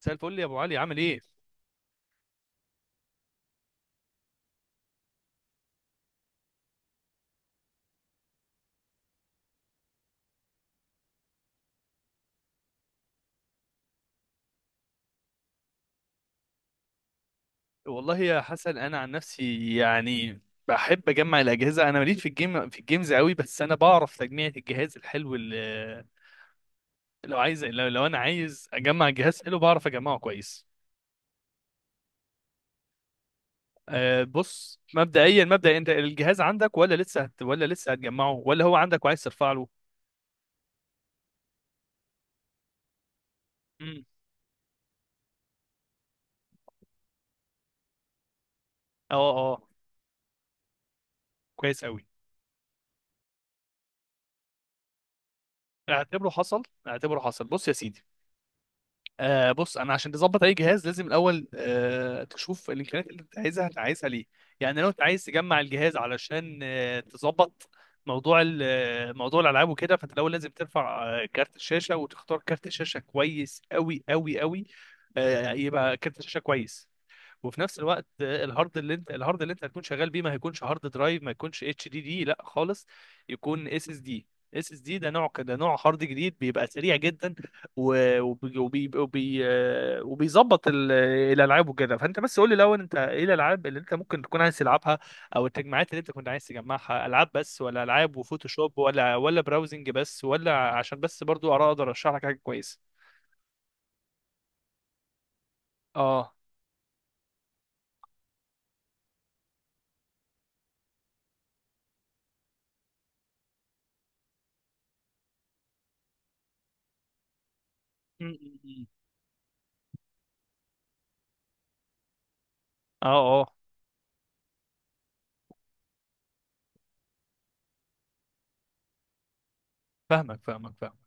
مساء الفل يا ابو علي، عامل ايه؟ والله يا حسن انا عن نفسي يعني بحب اجمع الاجهزه. انا ماليش في الجيمز قوي، بس انا بعرف تجميع الجهاز الحلو اللي لو انا عايز اجمع جهاز حلو بعرف اجمعه كويس. أه بص مبدئيا انت الجهاز عندك ولا لسه هتجمعه ولا هو عندك وعايز ترفع له؟ امم. اه اه. كويس قوي. اعتبره حصل اعتبره حصل، بص يا سيدي. بص انا عشان تظبط اي جهاز لازم الاول تشوف الامكانيات اللي انت عايزها، انت عايزها ليه؟ يعني لو انت عايز تجمع الجهاز علشان تظبط موضوع ال- آه، موضوع الالعاب وكده، فانت الاول لازم ترفع كارت الشاشه وتختار كارت شاشه كويس قوي قوي قوي. يبقى كارت شاشه كويس، وفي نفس الوقت الهارد اللي انت هتكون شغال بيه ما هيكونش هارد درايف، ما يكونش اتش دي دي لا خالص. يكون اس اس دي. اس اس دي ده نوع كده، نوع هارد جديد بيبقى سريع جدا وبيظبط الالعاب وكده. فانت بس قول لي الاول، انت ايه الالعاب اللي انت ممكن تكون عايز تلعبها، او التجمعات اللي انت كنت عايز تجمعها؟ العاب بس ولا العاب وفوتوشوب ولا براوزنج بس؟ ولا عشان بس برضو اقدر ارشح لك حاجه كويسه. اه. م- م- م. اه اه. فاهمك فاهمك فاهمك.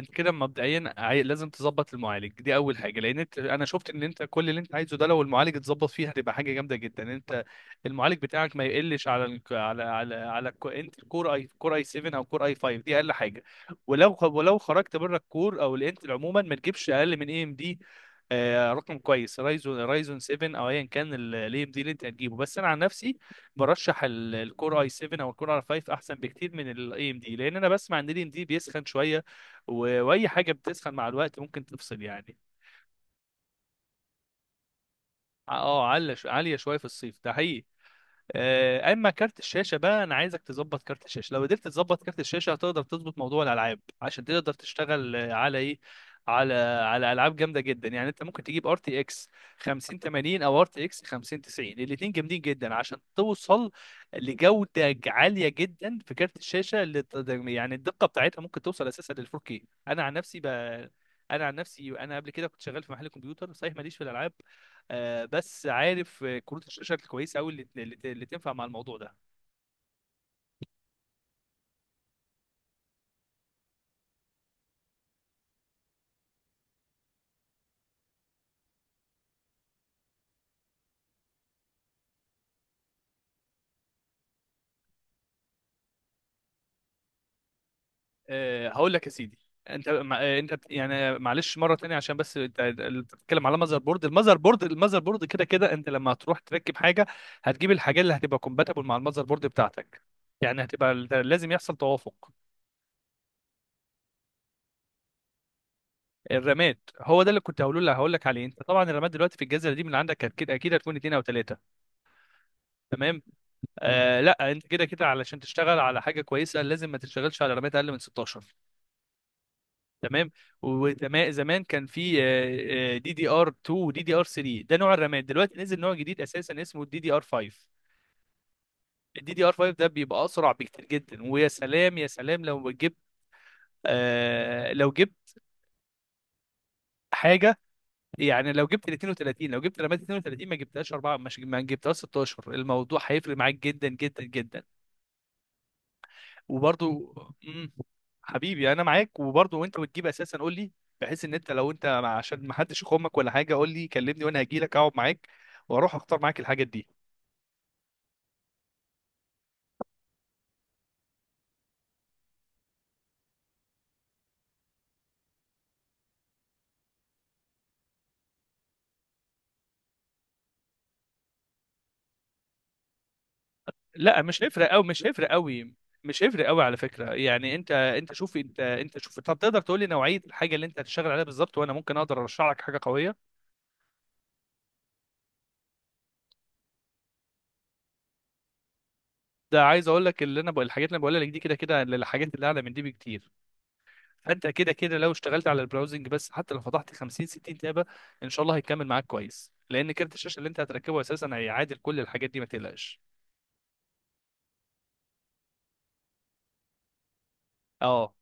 انت كده مبدئيا لازم تظبط المعالج، دي اول حاجه، لان انت انا شفت ان انت كل اللي انت عايزه ده لو المعالج اتظبط فيه هتبقى حاجه جامده جدا. انت المعالج بتاعك ما يقلش على ال... على على على انت كور اي 7 او كور اي 5، دي اقل حاجه. ولو خرجت بره الكور او الانتل عموما ما تجيبش اقل من اي ام دي رقم كويس، رايزون 7، او ايا كان الاي ام دي اللي انت هتجيبه. بس انا عن نفسي برشح الكور اي 7 او الكور اي 5، احسن بكتير من الاي ام دي لان انا بسمع ان الاي ام دي بيسخن شويه، واي حاجه بتسخن مع الوقت ممكن تفصل يعني. اه عاليه شويه في الصيف، ده حقيقي. اما كارت الشاشه بقى، انا عايزك تظبط كارت الشاشه. لو قدرت تظبط كارت الشاشه هتقدر تظبط موضوع الالعاب عشان تقدر تشتغل على ايه، على العاب جامده جدا. يعني انت ممكن تجيب ار تي اكس 5080 او ار تي اكس 5090، الاثنين جامدين جدا عشان توصل لجوده عاليه جدا في كارت الشاشه اللي يعني الدقه بتاعتها ممكن توصل اساسا لل 4K. انا عن نفسي انا قبل كده كنت شغال في محل كمبيوتر، صحيح ماليش في الالعاب بس عارف كروت الشاشه الكويسه قوي اللي تنفع مع الموضوع ده. هقول لك يا سيدي. انت مع- آه، انت بت- يعني معلش مره تانية عشان بس انت، بتتكلم على ماذر بورد، الماذر بورد كده كده انت لما هتروح تركب حاجه هتجيب الحاجات اللي هتبقى كومباتبل مع الماذر بورد بتاعتك. يعني هتبقى لازم يحصل توافق. الرامات هو ده اللي كنت هقوله لك، هقول لك عليه. انت طبعا الرامات دلوقتي في الجزيره دي من اللي عندك اكيد اكيد هتكون اتنين او تلاته، تمام؟ لا، انت كده كده علشان تشتغل على حاجه كويسه لازم ما تشتغلش على رامات اقل من 16، تمام. وزمان كان في دي دي ار 2 ودي دي ار 3، ده نوع الرامات. دلوقتي نزل نوع جديد اساسا اسمه الدي دي ار 5. الدي دي ار 5 ده بيبقى اسرع بكتير جدا. ويا سلام يا سلام لو جبت، لو جبت حاجه، يعني لو جبت ال 32، لو جبت رامات 32 ما جبتهاش 4، مش ما جبتهاش 16، الموضوع هيفرق معاك جدا جدا جدا. وبرضو مم. حبيبي انا معاك. وبرضو وانت بتجيب اساسا قول لي، بحيث ان انت لو انت عشان ما حدش يخمك ولا حاجه قول لي كلمني وانا هجي لك اقعد معاك واروح اختار معاك الحاجات دي. لا مش هيفرق قوي، مش هيفرق قوي، مش هيفرق قوي على فكره. يعني انت شوف، انت شوف، انت تقدر تقول لي نوعيه الحاجه اللي انت هتشتغل عليها بالظبط وانا ممكن اقدر ارشح لك حاجه قويه. ده عايز اقول لك، اللي انا بقول الحاجات اللي انا بقولها لك دي كده كده الحاجات اللي اعلى من دي بكتير، فانت كده كده لو اشتغلت على البراوزنج بس حتى لو فتحت 50 60 تابه ان شاء الله هيكمل معاك كويس، لان كارت الشاشه اللي انت هتركبه اساسا هيعادل كل الحاجات دي، ما تقلقش. اه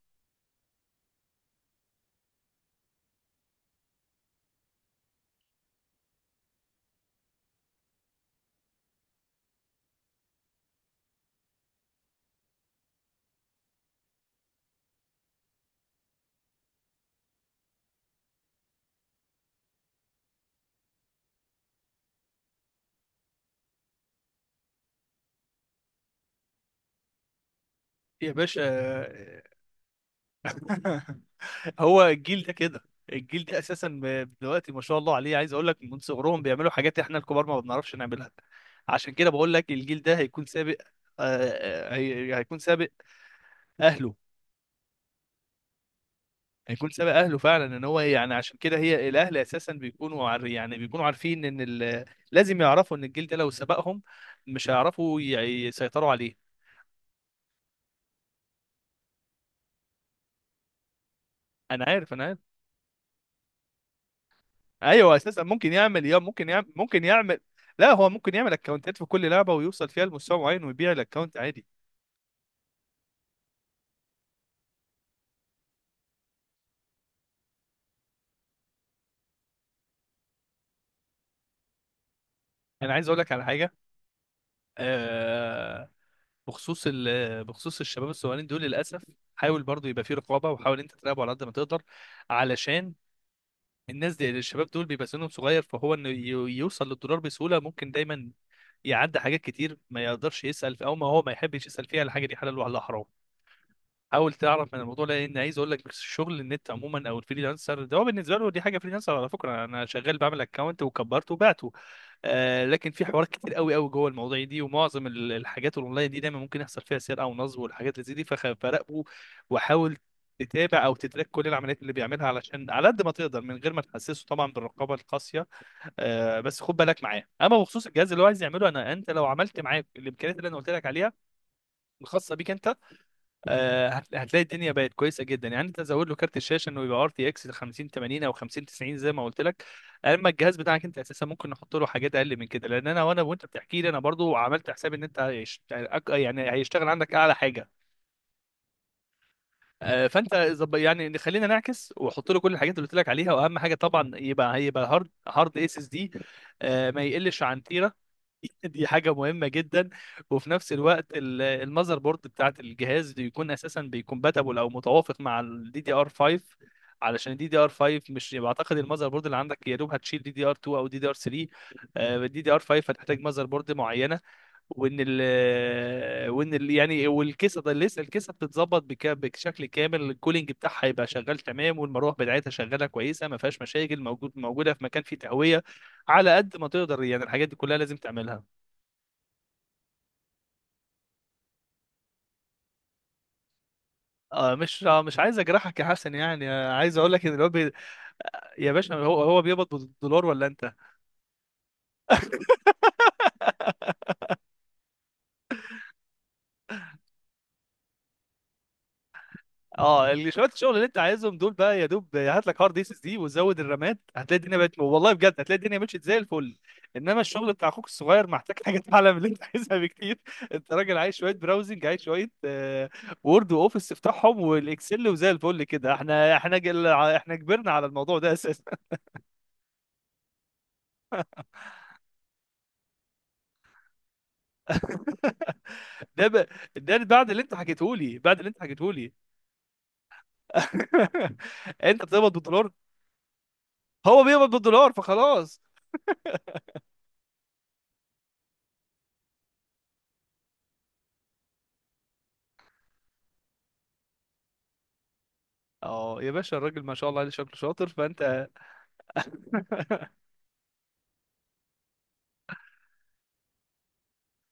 يا باشا. هو الجيل ده كده. الجيل ده اساسا دلوقتي ما شاء الله عليه، عايز اقول لك من صغرهم بيعملوا حاجات احنا الكبار ما بنعرفش نعملها. عشان كده بقول لك الجيل ده هيكون سابق. آه، هيكون سابق اهله. هيكون سابق اهله فعلا، ان هو يعني عشان كده هي الاهل اساسا بيكونوا عار يعني بيكونوا عارفين ان لازم يعرفوا ان الجيل ده لو سبقهم مش هيعرفوا يسيطروا عليه. انا عارف انا عارف. ايوه اساسا ممكن يعمل، ممكن يعمل. لا هو ممكن يعمل اكونتات في كل لعبه ويوصل فيها لمستوى معين ويبيع الاكونت عادي. انا عايز اقول لك على حاجه. آه... بخصوص الشباب الصغيرين دول، للاسف حاول برضو يبقى في رقابه وحاول انت تراقبه على قد ما تقدر، علشان الناس دي، يعني الشباب دول بيبقى سنهم صغير، فهو انه يوصل للدولار بسهوله ممكن دايما يعدي حاجات كتير ما يقدرش يسال في، او ما هو ما يحبش يسال فيها على حاجه دي حلال ولا حرام. حاول تعرف من الموضوع ده، لان عايز اقول لك الشغل النت عموما او الفريلانسر ده هو بالنسبه له دي حاجه، فريلانسر على فكره انا شغال، بعمل اكونت وكبرته وبعته. لكن في حوارات كتير قوي قوي جوه المواضيع دي، ومعظم الحاجات الاونلاين دي دايما ممكن يحصل فيها سرقه ونصب والحاجات اللي زي دي، فراقبه وحاول تتابع او تتراك كل العمليات اللي بيعملها علشان، على قد ما تقدر من غير ما تحسسه طبعا بالرقابه القاسيه. بس خد بالك معاه. اما بخصوص الجهاز اللي هو عايز يعمله، انا انت لو عملت معاه الامكانيات اللي انا قلت لك عليها الخاصه بيك انت، هتلاقي الدنيا بقت كويسه جدا. يعني انت زود له كارت الشاشه انه يبقى ار تي اكس 50 80 او 50 90 زي ما قلت لك. اما الجهاز بتاعك انت اساسا ممكن نحط له حاجات اقل من كده، لان انا وانا وانت بتحكي لي انا برضو عملت حساب ان انت يعني هيشتغل عندك اعلى حاجه. فانت يعني خلينا نعكس واحط له كل الحاجات اللي قلت لك عليها، واهم حاجه طبعا يبقى هيبقى هارد، اس اس دي، ما يقلش عن تيرا. دي حاجة مهمة جدا. وفي نفس الوقت المذر بورد بتاعت الجهاز بيكون أساسا بيكومباتبل أو متوافق مع الدي دي ار 5، علشان الدي دي ار 5 مش بعتقد المذر بورد اللي عندك يا دوب هتشيل دي دي ار 2 أو دي دي ار 3. الدي دي ار 5 هتحتاج مذر بورد معينة، وإن ال وإن ال يعني والكيسة. ده لسه الكيسة بتتظبط بشكل كامل، الكولينج بتاعها هيبقى شغال تمام والمروحة بتاعتها شغالة كويسة ما فيهاش مشاكل، موجودة في مكان فيه تهوية على قد ما تقدر. يعني الحاجات دي كلها لازم تعملها. مش عايز اجرحك يا حسن، يعني عايز اقول لك ان الواد يا باشا هو بيقبض بالدولار ولا انت؟ اه اللي شويه الشغل اللي انت عايزهم دول بقى يا دوب هات لك هارد اس اس دي وزود الرامات، هتلاقي الدنيا بقت، والله بجد هتلاقي الدنيا مشيت زي الفل. انما الشغل بتاع اخوك الصغير محتاج حاجه اعلى من اللي انت عايزها بكتير. انت راجل عايز شويه براوزنج، عايز شويه وورد واوفيس تفتحهم والاكسل وزي الفل كده، احنا كبرنا على الموضوع ده اساسا. ده ب... ده بعد اللي انت حكيته لي، انت بتقبض بالدولار، هو بيقبض بالدولار فخلاص. اه يا باشا الراجل ما شاء الله عليه شكله شاطر. فانت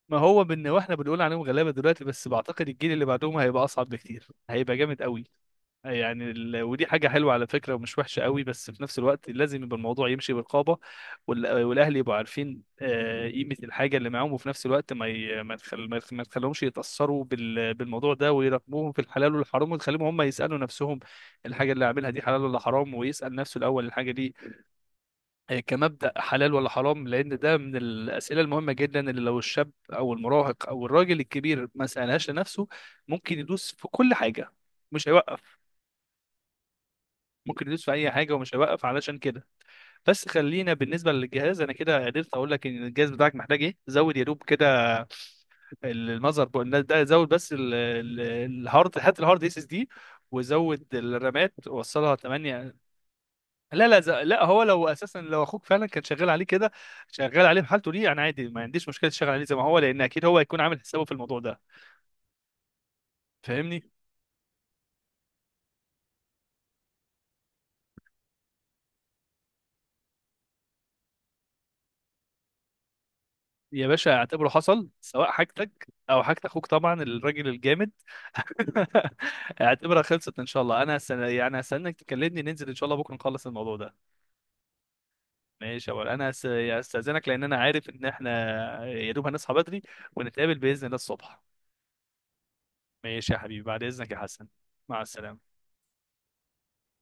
ما هو بان، واحنا بنقول عليهم غلابه دلوقتي، بس بعتقد الجيل اللي بعدهم هيبقى اصعب بكتير، هيبقى جامد قوي. يعني ودي حاجة حلوة على فكرة ومش وحشة قوي، بس في نفس الوقت لازم يبقى الموضوع يمشي برقابة. والأهل يبقوا عارفين قيمة الحاجة اللي معاهم، وفي نفس الوقت ما ي... ما تخل... ما يخ- ما تخليهمش يتأثروا بالموضوع ده، ويراقبوهم في الحلال والحرام، وتخليهم هم يسألوا نفسهم الحاجة اللي عاملها دي حلال ولا حرام، ويسأل نفسه الأول الحاجة دي كمبدأ حلال ولا حرام، لأن ده من الأسئلة المهمة جدا اللي لو الشاب أو المراهق أو الراجل الكبير ما سألهاش لنفسه ممكن يدوس في كل حاجة، مش هيوقف. ممكن يدوس في اي حاجه ومش هيوقف، علشان كده. بس خلينا بالنسبه للجهاز، انا كده قدرت اقول لك ان الجهاز بتاعك محتاج ايه. زود يا دوب كده المذر بورد، ده زود بس الهارد، هات الهارد اس اس دي وزود الرامات وصلها 8. لا لا، لا هو لو اساسا لو اخوك فعلا كان شغال عليه كده، شغال عليه بحالته دي انا عادي ما عنديش مشكله تشتغل عليه زي ما هو، لان اكيد هو هيكون عامل حسابه في الموضوع ده، فاهمني. يا باشا اعتبره حصل، سواء حاجتك او حاجت اخوك طبعا الراجل الجامد. اعتبرها خلصت ان شاء الله. انا يعني هستناك تكلمني ننزل ان شاء الله بكره نخلص الموضوع ده. ماشي يا ولد انا يعني هستاذنك، لان انا عارف ان احنا يا دوب هنصحى بدري ونتقابل باذن الله الصبح. ماشي يا حبيبي، بعد اذنك يا حسن، مع السلامه.